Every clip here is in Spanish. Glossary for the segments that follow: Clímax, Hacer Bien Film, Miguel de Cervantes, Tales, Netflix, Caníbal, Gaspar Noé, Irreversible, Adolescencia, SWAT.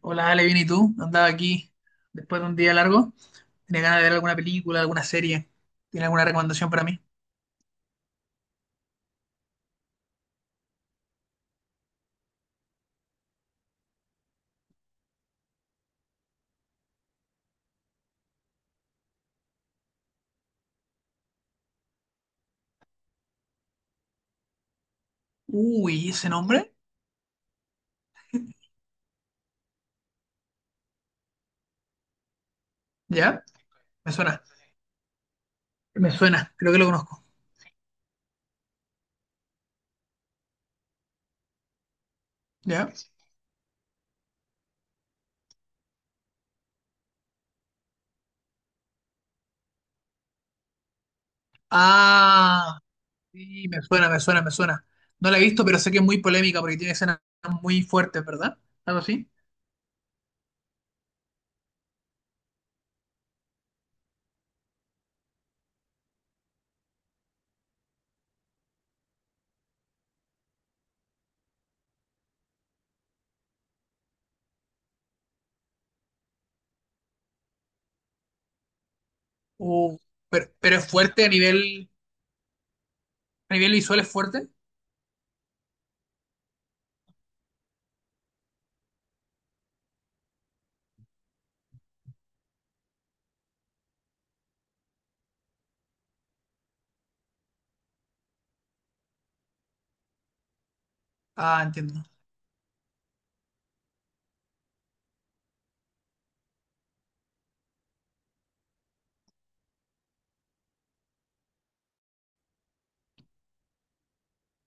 Hola, Ale, bien, ¿y tú? Andaba aquí después de un día largo. Tenía ganas de ver alguna película, alguna serie. ¿Tiene alguna recomendación para mí? Uy, ¿ese nombre? ¿Ya? Me suena. Me suena, creo que lo conozco. ¿Ya? Ah, sí, me suena, me suena, me suena. No la he visto, pero sé que es muy polémica porque tiene escenas muy fuertes, ¿verdad? ¿Algo así? Uh, pero es fuerte a nivel visual, es fuerte. Ah, entiendo.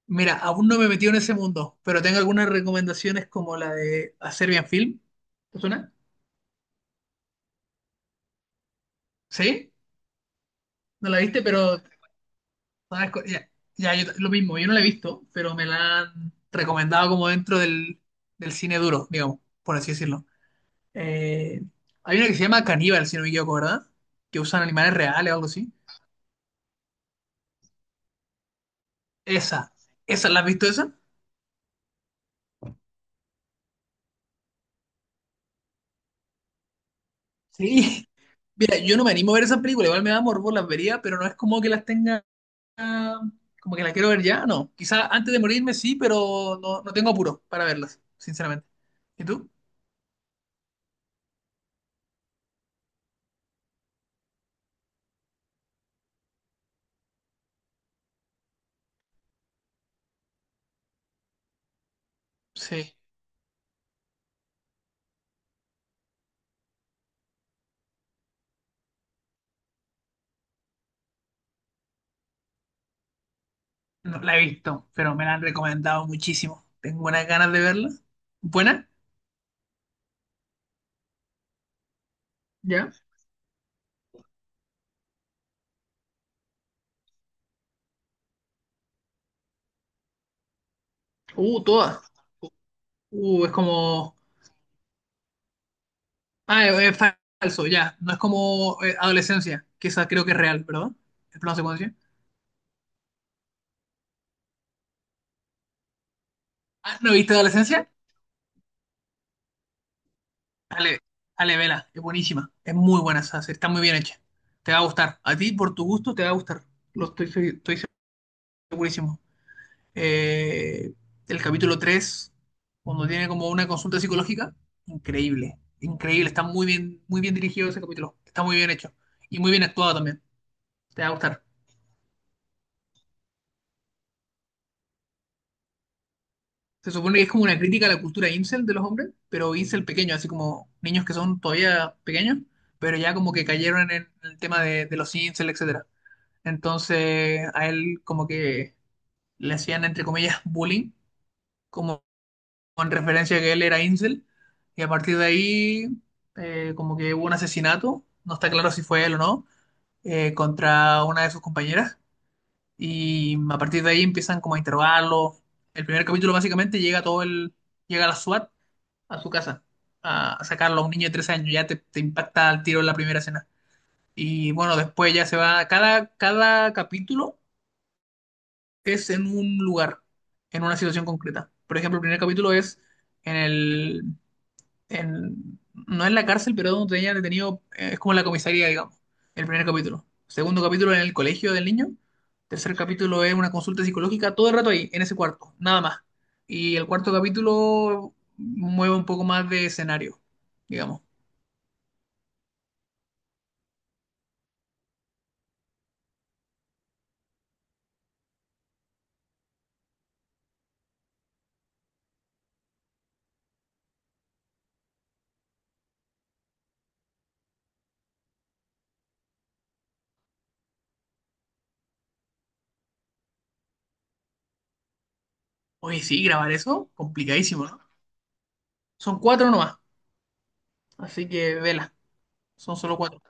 Mira, aún no me he metido en ese mundo, pero tengo algunas recomendaciones como la de Hacer Bien Film. ¿Te suena? ¿Sí? ¿No la viste? Pero, ¿sabes? Ya, ya, lo mismo, yo no la he visto, pero me la han recomendado como dentro del cine duro, digamos, por así decirlo. Eh, Hay una que se llama Caníbal, si no me equivoco, ¿verdad? Que usan animales reales o algo así. Esa, ¿esa la has visto esa? Sí. Mira, yo no me animo a ver esa película, igual me da morbo, las vería, pero no es como que las tenga, ah, como que las quiero ver ya, no. Quizá antes de morirme sí, pero no, no tengo apuro para verlas, sinceramente. ¿Y tú? Sí. No la he visto, pero me la han recomendado muchísimo. Tengo buenas ganas de verla. ¿Buena? ¿Ya? Todas. Es como... Ah, es falso, ya. No es como Adolescencia, que esa creo que es real, ¿verdad? El plano secuencia. Ah, ¿no viste Adolescencia? Ale, vela. Es buenísima. Es muy buena esa serie. Está muy bien hecha. Te va a gustar. A ti, por tu gusto, te va a gustar. Estoy segurísimo. eh, el capítulo 3 cuando tiene como una consulta psicológica, increíble, increíble, está muy bien dirigido ese capítulo, está muy bien hecho y muy bien actuado también, te va a gustar. Se supone que es como una crítica a la cultura incel de los hombres, pero incel pequeño, así como niños que son todavía pequeños, pero ya como que cayeron en el tema de los incel, etcétera. Entonces a él como que le hacían, entre comillas, bullying como con referencia a que él era incel, y a partir de ahí como que hubo un asesinato, no está claro si fue él o no, contra una de sus compañeras, y a partir de ahí empiezan como a interrogarlo. El primer capítulo básicamente llega la SWAT a su casa, a sacarlo a un niño de 13 años, te impacta al tiro en la primera escena. Y bueno, después ya se va, cada capítulo es en un lugar, en una situación concreta. Por ejemplo, el primer capítulo es en el, en- no en la cárcel, pero donde tenía detenido, es como la comisaría, digamos, el primer capítulo. Segundo capítulo en el colegio del niño. Tercer capítulo es una consulta psicológica, todo el rato ahí, en ese cuarto, nada más. Y el cuarto capítulo mueve un poco más de escenario, digamos. Oye, sí, grabar eso, complicadísimo, ¿no? Son cuatro nomás, así que vela, son solo cuatro.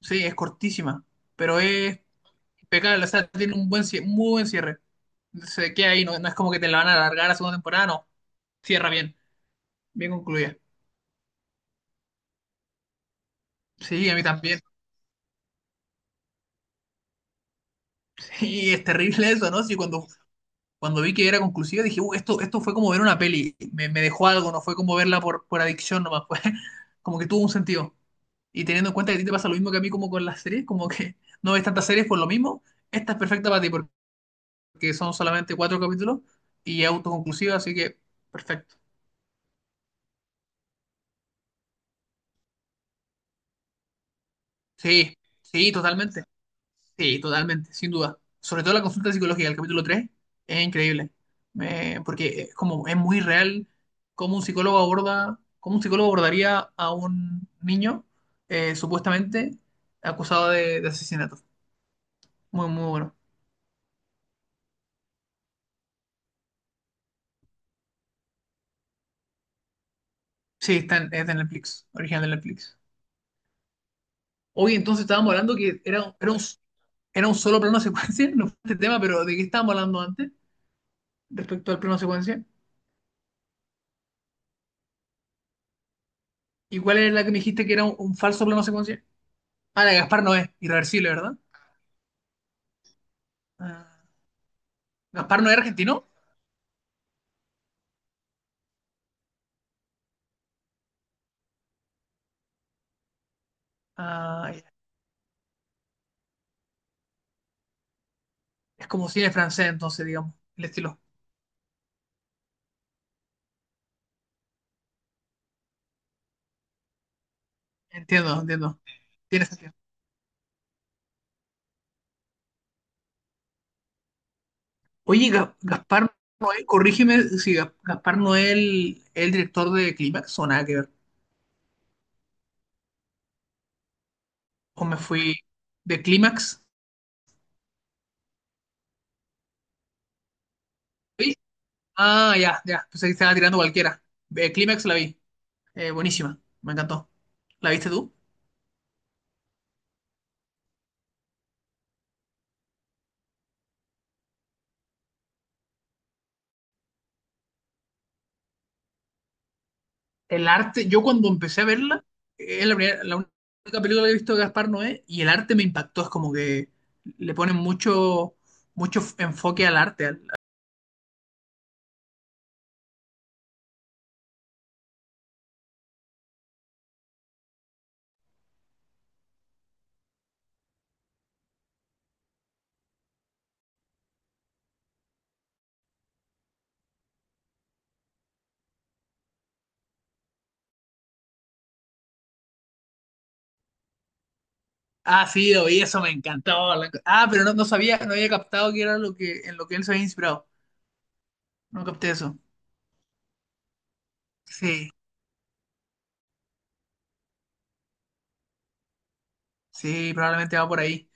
Sí, es cortísima, pero es impecable, o sea, tiene un buen, muy buen cierre. Se queda ahí, no, no es como que te la van a alargar a segunda temporada, no. Cierra bien, bien concluida. Sí, a mí también. Sí, es terrible eso, ¿no? Sí, cuando vi que era conclusiva dije, esto, esto fue como ver una peli, me dejó algo, no fue como verla por adicción nomás, fue como que tuvo un sentido. Y teniendo en cuenta que a ti te pasa lo mismo que a mí como con las series, como que no ves tantas series por lo mismo, esta es perfecta para ti porque son solamente cuatro capítulos y es autoconclusiva, así que perfecto. Sí, sí, totalmente. Sí, totalmente, sin duda. Sobre todo la consulta psicológica del capítulo 3, es increíble. Porque es como es muy real cómo un psicólogo aborda, cómo un psicólogo abordaría a un niño supuestamente acusado de asesinato. Muy, muy bueno. Sí, está en, es de Netflix, original de Netflix. Hoy entonces estábamos hablando que era, era un solo plano secuencia, no fue este tema, pero ¿de qué estábamos hablando antes respecto al plano secuencia? ¿Y cuál era la que me dijiste que era un falso plano secuencia? Ah, la de Gaspar Noé, irreversible, ¿verdad? Ah, ¿Gaspar no es argentino? Ah, ya. Es como cine francés, entonces, digamos, el estilo. Entiendo, entiendo. Tiene sentido. Oye, Gaspar Noé, corrígeme si Gaspar Noé el director de Clímax o nada que ver. O me fui de Clímax. ¿Sí? Ah, ya, ya. Pensé que estaba tirando cualquiera. De Clímax la vi. Buenísima. Me encantó. ¿La viste tú? El arte, yo cuando empecé a verla, es la única película que he visto de Gaspar Noé y el arte me impactó. Es como que le ponen mucho, mucho enfoque al arte. Ah, sí, y eso, me encantó. Ah, pero no, no sabía, no había captado que era lo que, en lo que él se había inspirado. No capté eso. Sí, sí, probablemente va por ahí.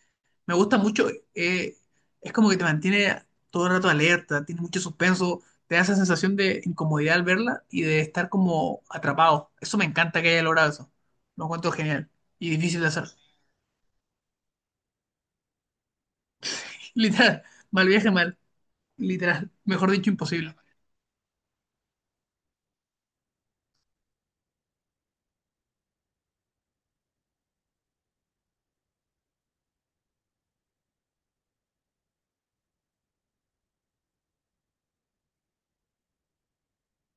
Me gusta mucho, eh, es como que te mantiene todo el rato alerta, tiene mucho suspenso, te da esa sensación de incomodidad al verla y de estar como atrapado. Eso me encanta que haya logrado eso. Lo encuentro genial y difícil de hacer. Literal, mal viaje, mal. Literal, mejor dicho, imposible.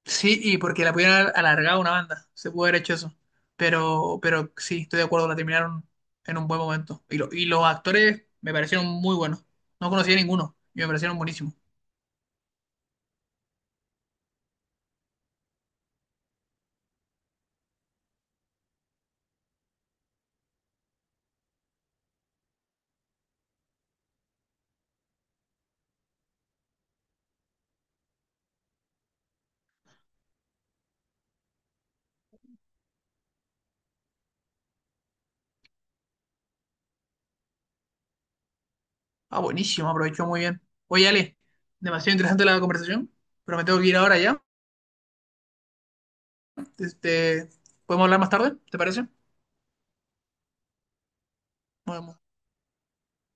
Sí, y porque la pudieron haber alargado una banda, se pudo haber hecho eso. Pero sí, estoy de acuerdo, la terminaron en un buen momento. Y, y los actores me parecieron muy buenos. No conocía a ninguno y me parecieron buenísimos. Ah, buenísimo, aprovechó muy bien. Oye, Ale, demasiado interesante la conversación, pero me tengo que ir ahora ya. Este, ¿podemos hablar más tarde? ¿Te parece? Bueno,